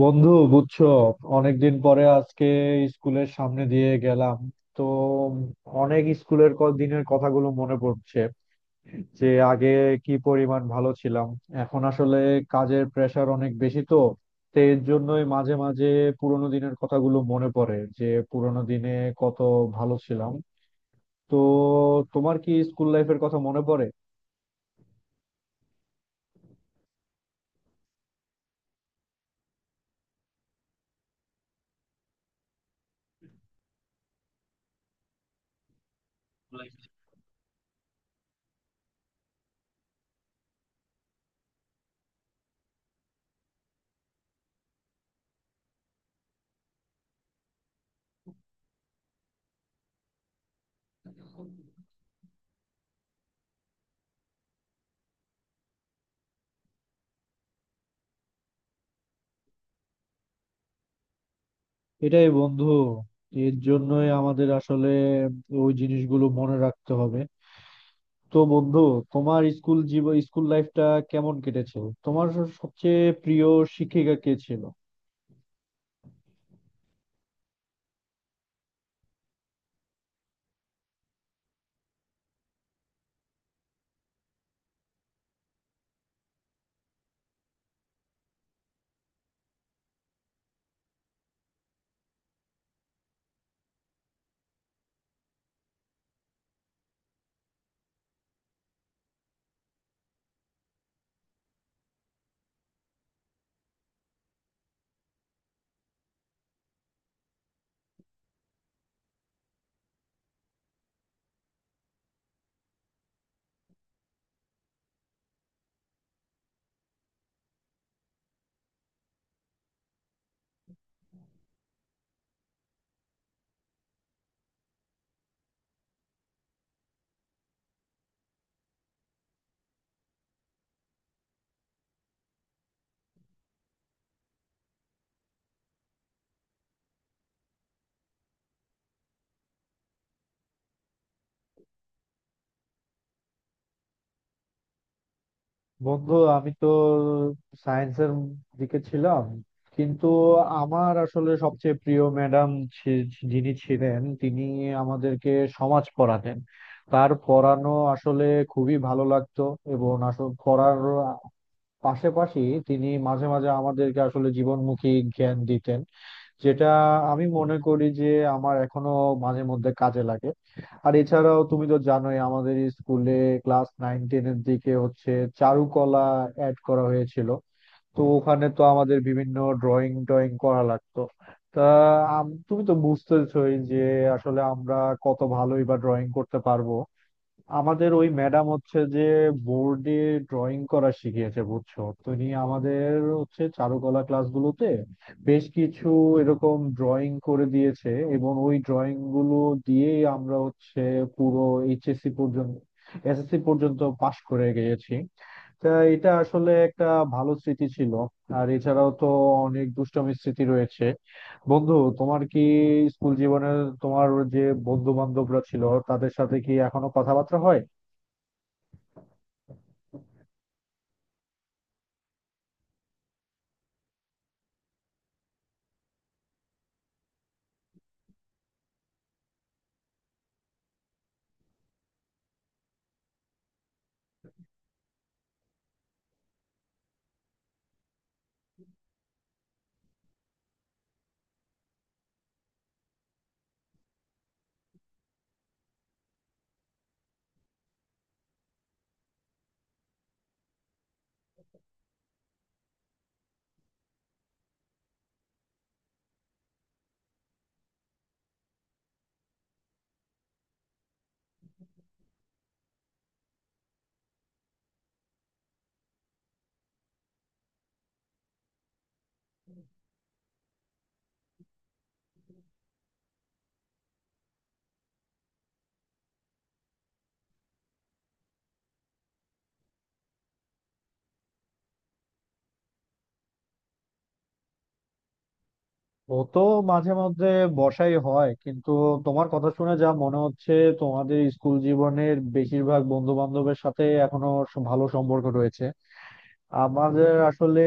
বন্ধু, বুঝছো, অনেকদিন পরে আজকে স্কুলের সামনে দিয়ে গেলাম। তো অনেক দিনের কথাগুলো মনে পড়ছে যে আগে কি পরিমাণ ভালো ছিলাম। এখন আসলে কাজের প্রেশার অনেক বেশি, তো তো এর জন্যই মাঝে মাঝে পুরোনো দিনের কথাগুলো মনে পড়ে যে পুরোনো দিনে কত ভালো ছিলাম। তো তোমার কি স্কুল লাইফের কথা মনে পড়ে? এটাই বন্ধু, এর জন্যই আমাদের আসলে ওই জিনিসগুলো মনে রাখতে হবে। তো বন্ধু, তোমার স্কুল জীবন, স্কুল লাইফটা কেমন কেটেছে? সবচেয়ে প্রিয় শিক্ষিকা কে ছিল? বন্ধু, আমি তো সায়েন্সের দিকে ছিলাম, কিন্তু আমার আসলে সবচেয়ে প্রিয় ম্যাডাম যিনি ছিলেন, তিনি আমাদেরকে সমাজ পড়াতেন। তার পড়ানো আসলে খুবই ভালো লাগতো। এবং আসলে পড়ার পাশাপাশি তিনি মাঝে মাঝে আমাদেরকে আসলে জীবনমুখী জ্ঞান দিতেন, যেটা আমি মনে করি যে আমার এখনো মাঝে মধ্যে কাজে লাগে। আর এছাড়াও তুমি তো জানোই, আমাদের স্কুলে ক্লাস 9 10 এর দিকে হচ্ছে চারুকলা অ্যাড করা হয়েছিল। তো ওখানে তো আমাদের বিভিন্ন ড্রয়িং টয়িং করা লাগতো। তা তুমি তো বুঝতেছই যে আসলে আমরা কত ভালোই বা ড্রয়িং করতে পারবো। আমাদের ওই ম্যাডাম হচ্ছে যে বোর্ডে ড্রয়িং করা শিখিয়েছে, বুঝছো। তিনি আমাদের হচ্ছে চারুকলা ক্লাসগুলোতে বেশ কিছু এরকম ড্রয়িং করে দিয়েছে, এবং ওই ড্রয়িং গুলো দিয়েই আমরা হচ্ছে পুরো এইচএসসি পর্যন্ত, এসএসসি পর্যন্ত পাশ করে গিয়েছি। তা এটা আসলে একটা ভালো স্মৃতি ছিল। আর এছাড়াও তো অনেক দুষ্টামি স্মৃতি রয়েছে। বন্ধু, তোমার কি স্কুল জীবনে তোমার যে বন্ধু বান্ধবরা ছিল, তাদের সাথে কি এখনো কথাবার্তা হয়? ও তো মাঝে মধ্যে বসাই হয়, কিন্তু তোমার কথা শুনে যা মনে হচ্ছে তোমাদের স্কুল জীবনের বেশিরভাগ বন্ধু বান্ধবের সাথে এখনো ভালো সম্পর্ক রয়েছে। আমাদের আসলে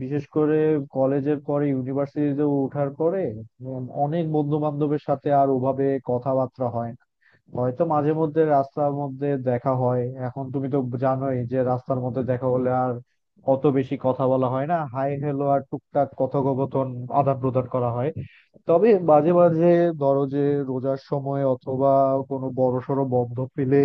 বিশেষ করে কলেজের পরে ইউনিভার্সিটিতে ওঠার পরে অনেক বন্ধু বান্ধবের সাথে আর ওভাবে কথাবার্তা হয় না। হয়তো মাঝে মধ্যে রাস্তার মধ্যে দেখা হয়। এখন তুমি তো জানোই যে রাস্তার মধ্যে দেখা হলে আর অত বেশি কথা বলা হয় না, হাই হ্যালো আর টুকটাক কথোপকথন আদান প্রদান করা হয়। তবে মাঝে মাঝে ধরো যে রোজার সময় অথবা কোনো বড় সড়ো বন্ধ পেলে,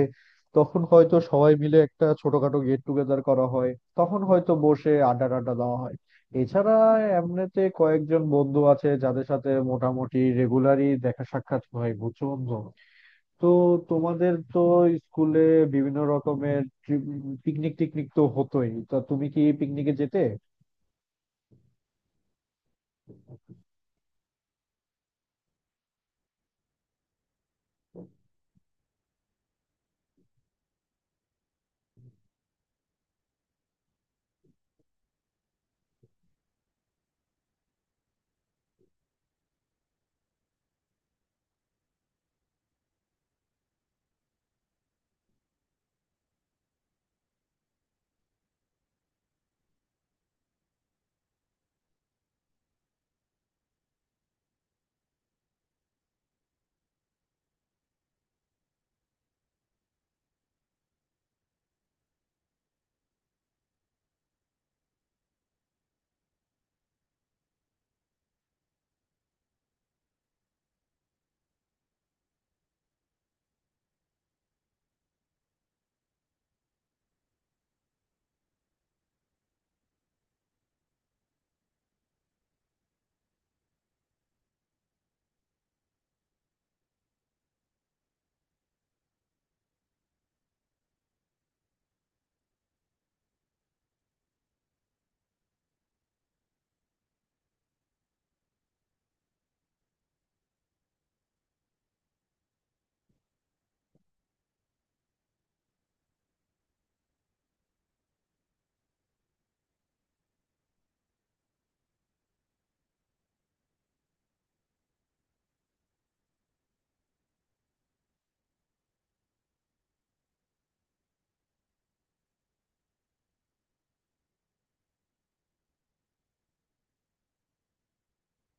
তখন হয়তো সবাই মিলে একটা ছোটখাটো গেট টুগেদার করা হয়, তখন হয়তো বসে আড্ডা টাড্ডা দেওয়া হয়। এছাড়া এমনিতে কয়েকজন বন্ধু আছে যাদের সাথে মোটামুটি রেগুলারই দেখা সাক্ষাৎ হয়, বুঝছো বন্ধু। তো তোমাদের তো স্কুলে বিভিন্ন রকমের পিকনিক টিকনিক তো হতোই, তা তুমি কি পিকনিকে যেতে?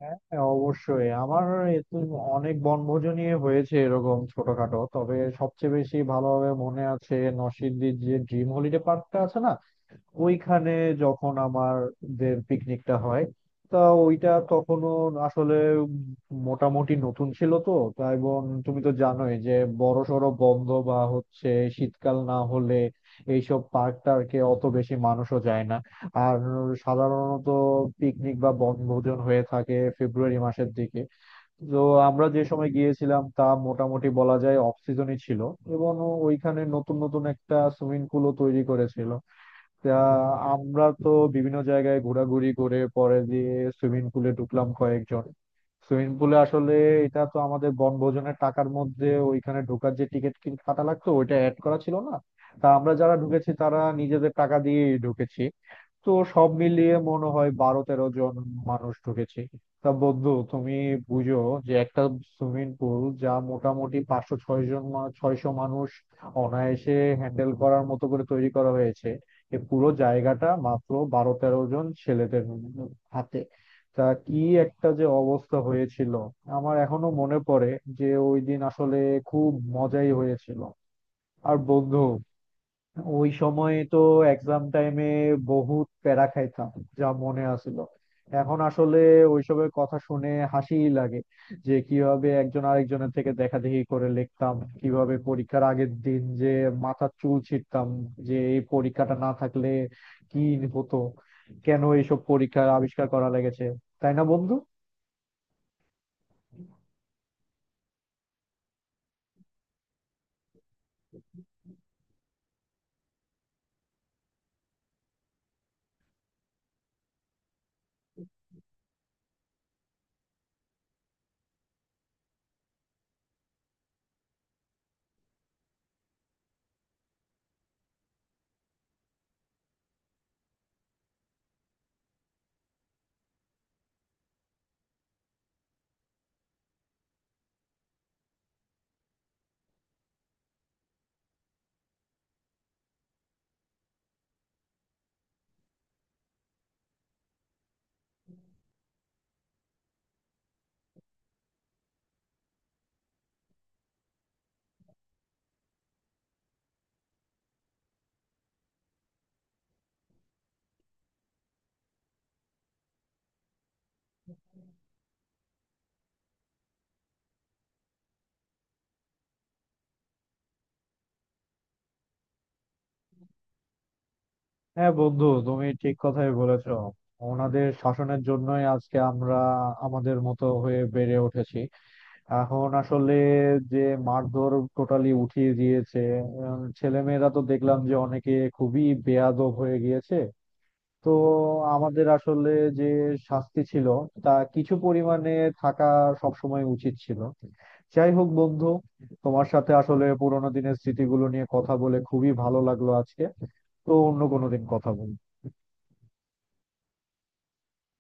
হ্যাঁ হ্যাঁ, অবশ্যই, আমার এ তো অনেক বনভোজনই হয়েছে এরকম ছোটখাটো। তবে সবচেয়ে বেশি ভালোভাবে মনে আছে নরসিংদীর যে ড্রিম হলিডে পার্কটা আছে না, ওইখানে যখন আমাদের পিকনিকটা হয়। তা ওইটা তখনও আসলে মোটামুটি নতুন ছিল তো, তা এবং তুমি তো জানোই যে বড়সড় বন্ধ বা হচ্ছে শীতকাল না হলে এইসব পার্ক টার্কে অত বেশি মানুষও যায় না। আর সাধারণত পিকনিক বা বনভোজন হয়ে থাকে ফেব্রুয়ারি মাসের দিকে। তো আমরা যে সময় গিয়েছিলাম তা মোটামুটি বলা যায় অফ সিজনই ছিল, এবং ওইখানে নতুন নতুন একটা সুইমিং পুলও তৈরি করেছিল। তা আমরা তো বিভিন্ন জায়গায় ঘোরাঘুরি করে পরে দিয়ে সুইমিং পুলে ঢুকলাম কয়েকজন। সুইমিং পুলে আসলে, এটা তো আমাদের বনভোজনের টাকার মধ্যে ওইখানে ঢোকার যে টিকিট কাটা লাগতো ওইটা অ্যাড করা ছিল না। তা আমরা যারা ঢুকেছি তারা নিজেদের টাকা দিয়ে ঢুকেছি। তো সব মিলিয়ে মনে হয় 12 13 জন মানুষ ঢুকেছি। তা বন্ধু তুমি বুঝো যে একটা সুইমিং পুল যা মোটামুটি 500 6 জন 600 মানুষ অনায়াসে হ্যান্ডেল করার মতো করে তৈরি করা হয়েছে, এ পুরো জায়গাটা মাত্র 12 13 জন ছেলেদের হাতে। তা কি একটা যে অবস্থা হয়েছিল, আমার এখনো মনে পড়ে যে ওই দিন আসলে খুব মজাই হয়েছিল। আর বন্ধু, ওই সময় তো এক্সাম টাইমে বহুত প্যারা খাইতাম, যা মনে আছিল। এখন আসলে ওইসবের কথা শুনে হাসিই লাগে, যে কিভাবে একজন আরেকজনের থেকে দেখাদেখি করে লিখতাম, কিভাবে পরীক্ষার আগের দিন যে মাথার চুল ছিঁড়তাম, যে এই পরীক্ষাটা না থাকলে কি হতো, কেন এইসব পরীক্ষার আবিষ্কার করা লেগেছে, তাই না বন্ধু? হ্যাঁ বন্ধু, তুমি ঠিক কথাই বলেছো, ওনাদের শাসনের জন্যই আজকে আমরা আমাদের মতো হয়ে বেড়ে উঠেছি। এখন আসলে যে মারধর টোটালি উঠিয়ে দিয়েছে, ছেলেমেয়েরা তো দেখলাম যে অনেকে খুবই বেয়াদব হয়ে গিয়েছে। তো আমাদের আসলে যে শাস্তি ছিল তা কিছু পরিমাণে থাকা সবসময় উচিত ছিল। যাই হোক বন্ধু, তোমার সাথে আসলে পুরোনো দিনের স্মৃতিগুলো নিয়ে কথা বলে খুবই ভালো লাগলো আজকে। তো অন্য কোনো দিন কথা বলবো।